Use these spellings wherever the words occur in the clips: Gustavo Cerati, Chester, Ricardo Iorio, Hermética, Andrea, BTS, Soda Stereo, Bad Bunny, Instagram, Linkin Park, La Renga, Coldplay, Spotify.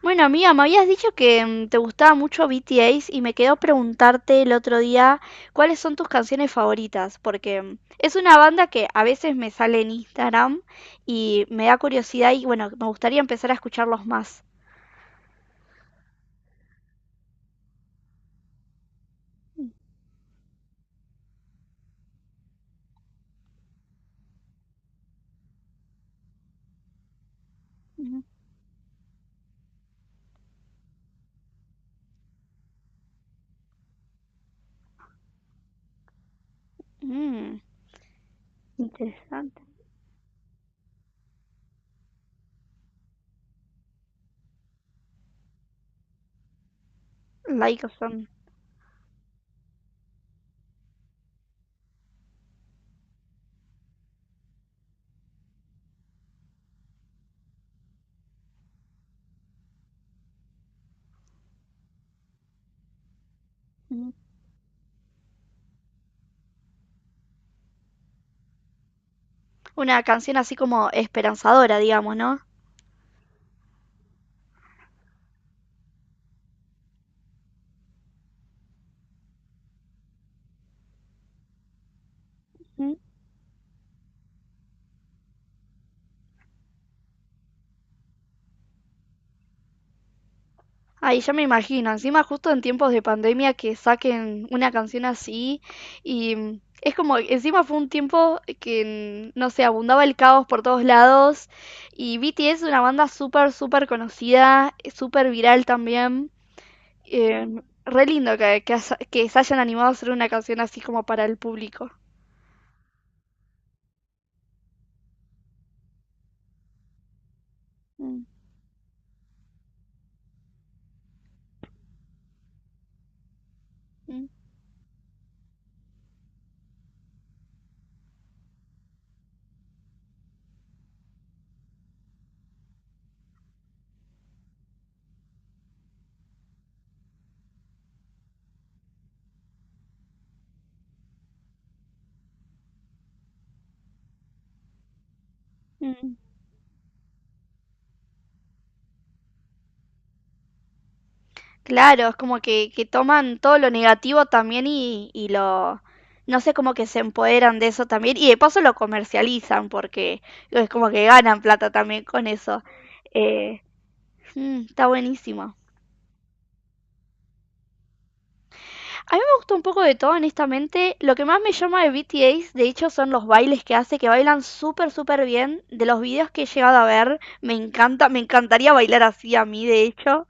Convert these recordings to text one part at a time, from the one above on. Bueno, amiga, me habías dicho que te gustaba mucho BTS y me quedó preguntarte el otro día cuáles son tus canciones favoritas, porque es una banda que a veces me sale en Instagram y me da curiosidad y bueno, me gustaría empezar a escucharlos más. Ujú. Mm, interesante. Like a song. Ujú. Una canción así como esperanzadora, digamos, ¿no? Ay, ya me imagino, encima justo en tiempos de pandemia que saquen una canción así y es como, encima fue un tiempo que, no sé, abundaba el caos por todos lados y BTS es una banda súper, súper conocida, súper viral también. eh, Re lindo que, que se hayan animado a hacer una canción así como para el público. Mm, mm, mm. Claro, es como que toman todo lo negativo también y lo, no sé, como que se empoderan de eso también y de paso lo comercializan porque es como que ganan plata también con eso. Eh, está buenísimo. A mí me gusta un poco de todo, honestamente. Lo que más me llama de BTS, de hecho, son los bailes que hace, que bailan súper, súper bien. De los videos que he llegado a ver, me encanta, me encantaría bailar así a mí, de hecho.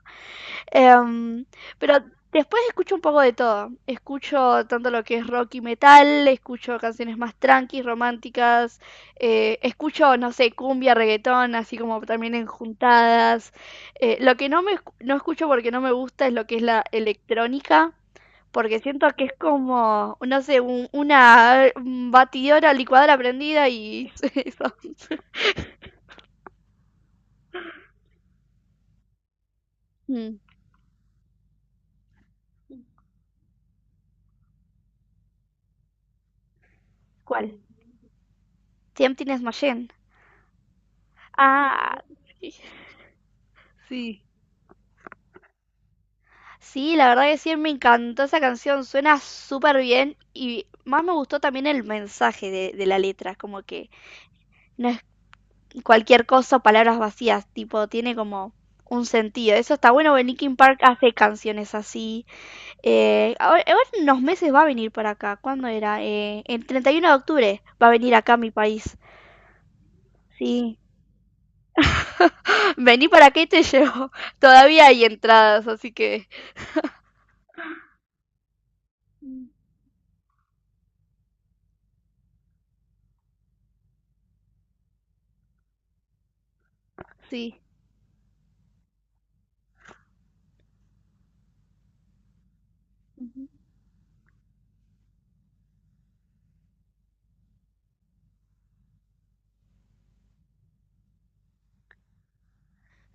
Em, pero después escucho un poco de todo. Escucho tanto lo que es rock y metal, escucho canciones más tranquis, románticas, escucho, no sé, cumbia, reggaetón, así como también en juntadas. Lo que no escucho porque no me gusta es lo que es la electrónica. Porque siento que es como, no sé, una batidora, licuadora prendida y eso. Mm. ¿Cuál? Tempting as Machine. Ah, sí. Sí. Sí, la verdad que sí, me encantó esa canción, suena súper bien y más me gustó también el mensaje de la letra, como que no es cualquier cosa, palabras vacías, tipo, tiene como un sentido. Eso está bueno, porque Linkin Park hace canciones así. Ahora en unos meses va a venir por acá, ¿cuándo era? El 31 de octubre va a venir acá a mi país. Sí, vení para acá y te llevo. Todavía hay entradas, así que sí.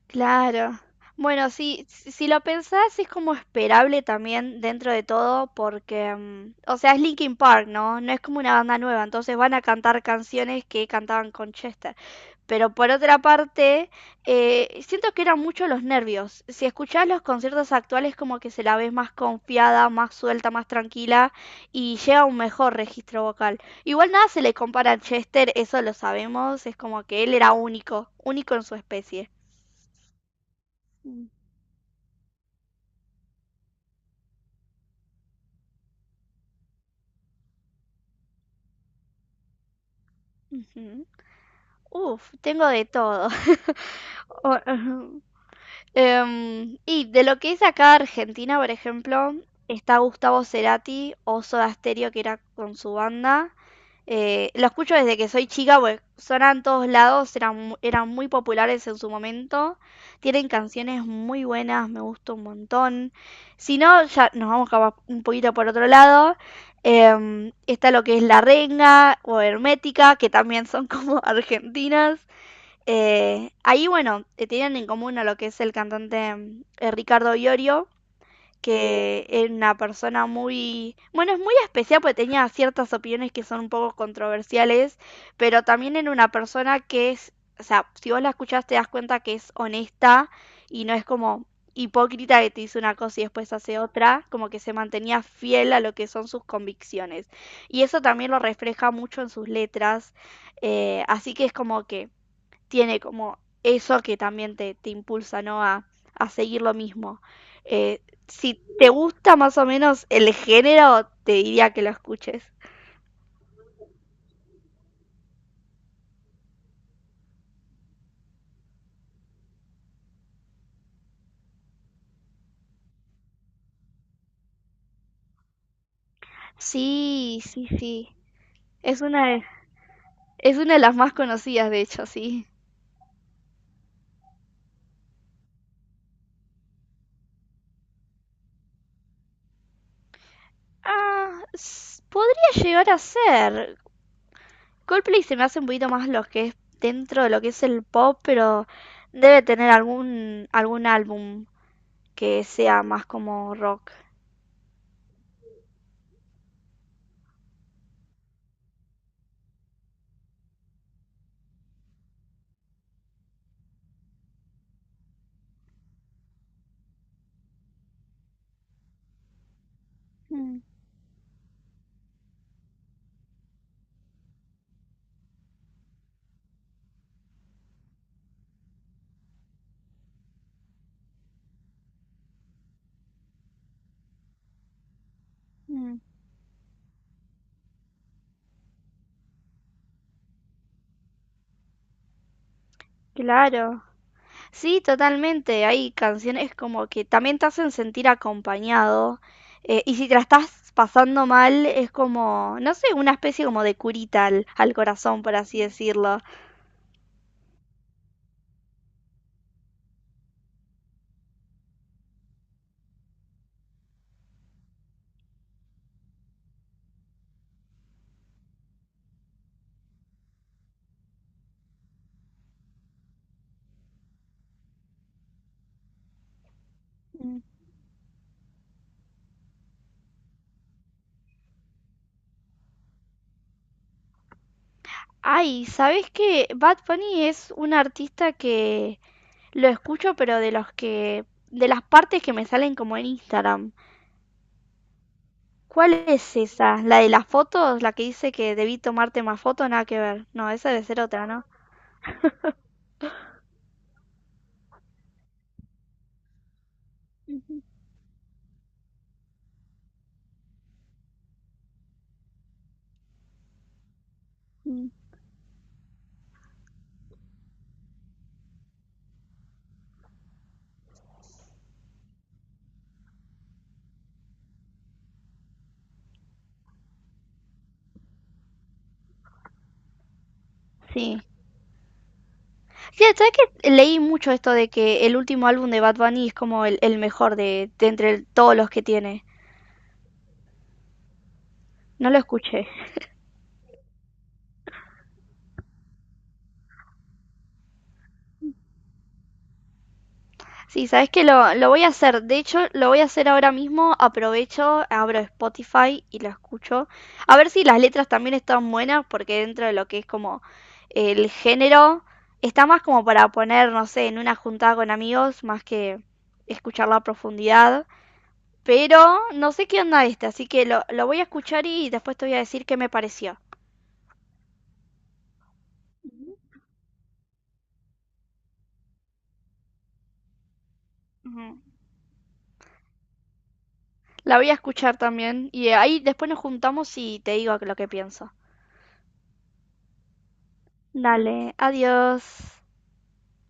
Claro. Bueno, sí, si, si lo pensás es como esperable también dentro de todo porque, o sea, es Linkin Park, ¿no? No es como una banda nueva, entonces van a cantar canciones que cantaban con Chester. Pero por otra parte, siento que eran mucho los nervios. Si escuchás los conciertos actuales como que se la ves más confiada, más suelta, más tranquila y llega a un mejor registro vocal. Igual nada se le compara a Chester, eso lo sabemos, es como que él era único, único en su especie. Ujú. Uf, tengo de todo. Ujú. Y de lo que es acá Argentina, por ejemplo, está Gustavo Cerati o Soda Stereo, que era con su banda. Lo escucho desde que soy chica, pues sonan en todos lados, eran, eran muy populares en su momento. Tienen canciones muy buenas, me gusta un montón. Si no, ya nos vamos capaz un poquito por otro lado. Está lo que es La Renga o Hermética, que también son como argentinas. Bueno, tenían en común a lo que es el cantante Ricardo Iorio, que es una persona muy, bueno, es muy especial porque tenía ciertas opiniones que son un poco controversiales, pero también era una persona que es, o sea, si vos la escuchás te das cuenta que es honesta y no es como hipócrita que te dice una cosa y después hace otra, como que se mantenía fiel a lo que son sus convicciones. Y eso también lo refleja mucho en sus letras, así que es como que tiene como eso que también te impulsa, ¿no? A seguir lo mismo. Eh, si te gusta más o menos el género, te diría que lo escuches. Sí, sí, sí. Es una de, es una de las más conocidas, de hecho, sí. Podría llegar a ser. Coldplay se me hace un poquito más lo que es dentro de lo que es el pop, pero debe tener algún álbum que sea más como rock. Mm, mm. Claro. Sí, totalmente. Hay canciones como que también te hacen sentir acompañado. Y si te la estás pasando mal, es como, no sé, una especie como de curita al, al corazón, por así decirlo. Mm. Ay, ¿sabés qué? Bad Bunny es un artista que lo escucho, pero de los que, de las partes que me salen como en Instagram. ¿Cuál es esa? ¿La de las fotos? ¿La que dice que debí tomarte más fotos? Nada que ver. No, esa debe ser otra, ¿no? Ujú, mm. Sí. Sí, ¿sabes que leí mucho esto de que el último álbum de Bad Bunny es como el mejor de entre todos los que tiene? No lo escuché. Sí, ¿sabes que lo voy a hacer? De hecho, lo voy a hacer ahora mismo. Aprovecho, abro Spotify y lo escucho. A ver si las letras también están buenas, porque dentro de lo que es como el género, está más como para poner, no sé, en una juntada con amigos, más que escucharla a profundidad. Pero no sé qué onda este, así que lo voy a escuchar y después te voy a decir qué me pareció. Ujú. La voy a escuchar también y ahí después nos juntamos y te digo lo que pienso. Dale, adiós.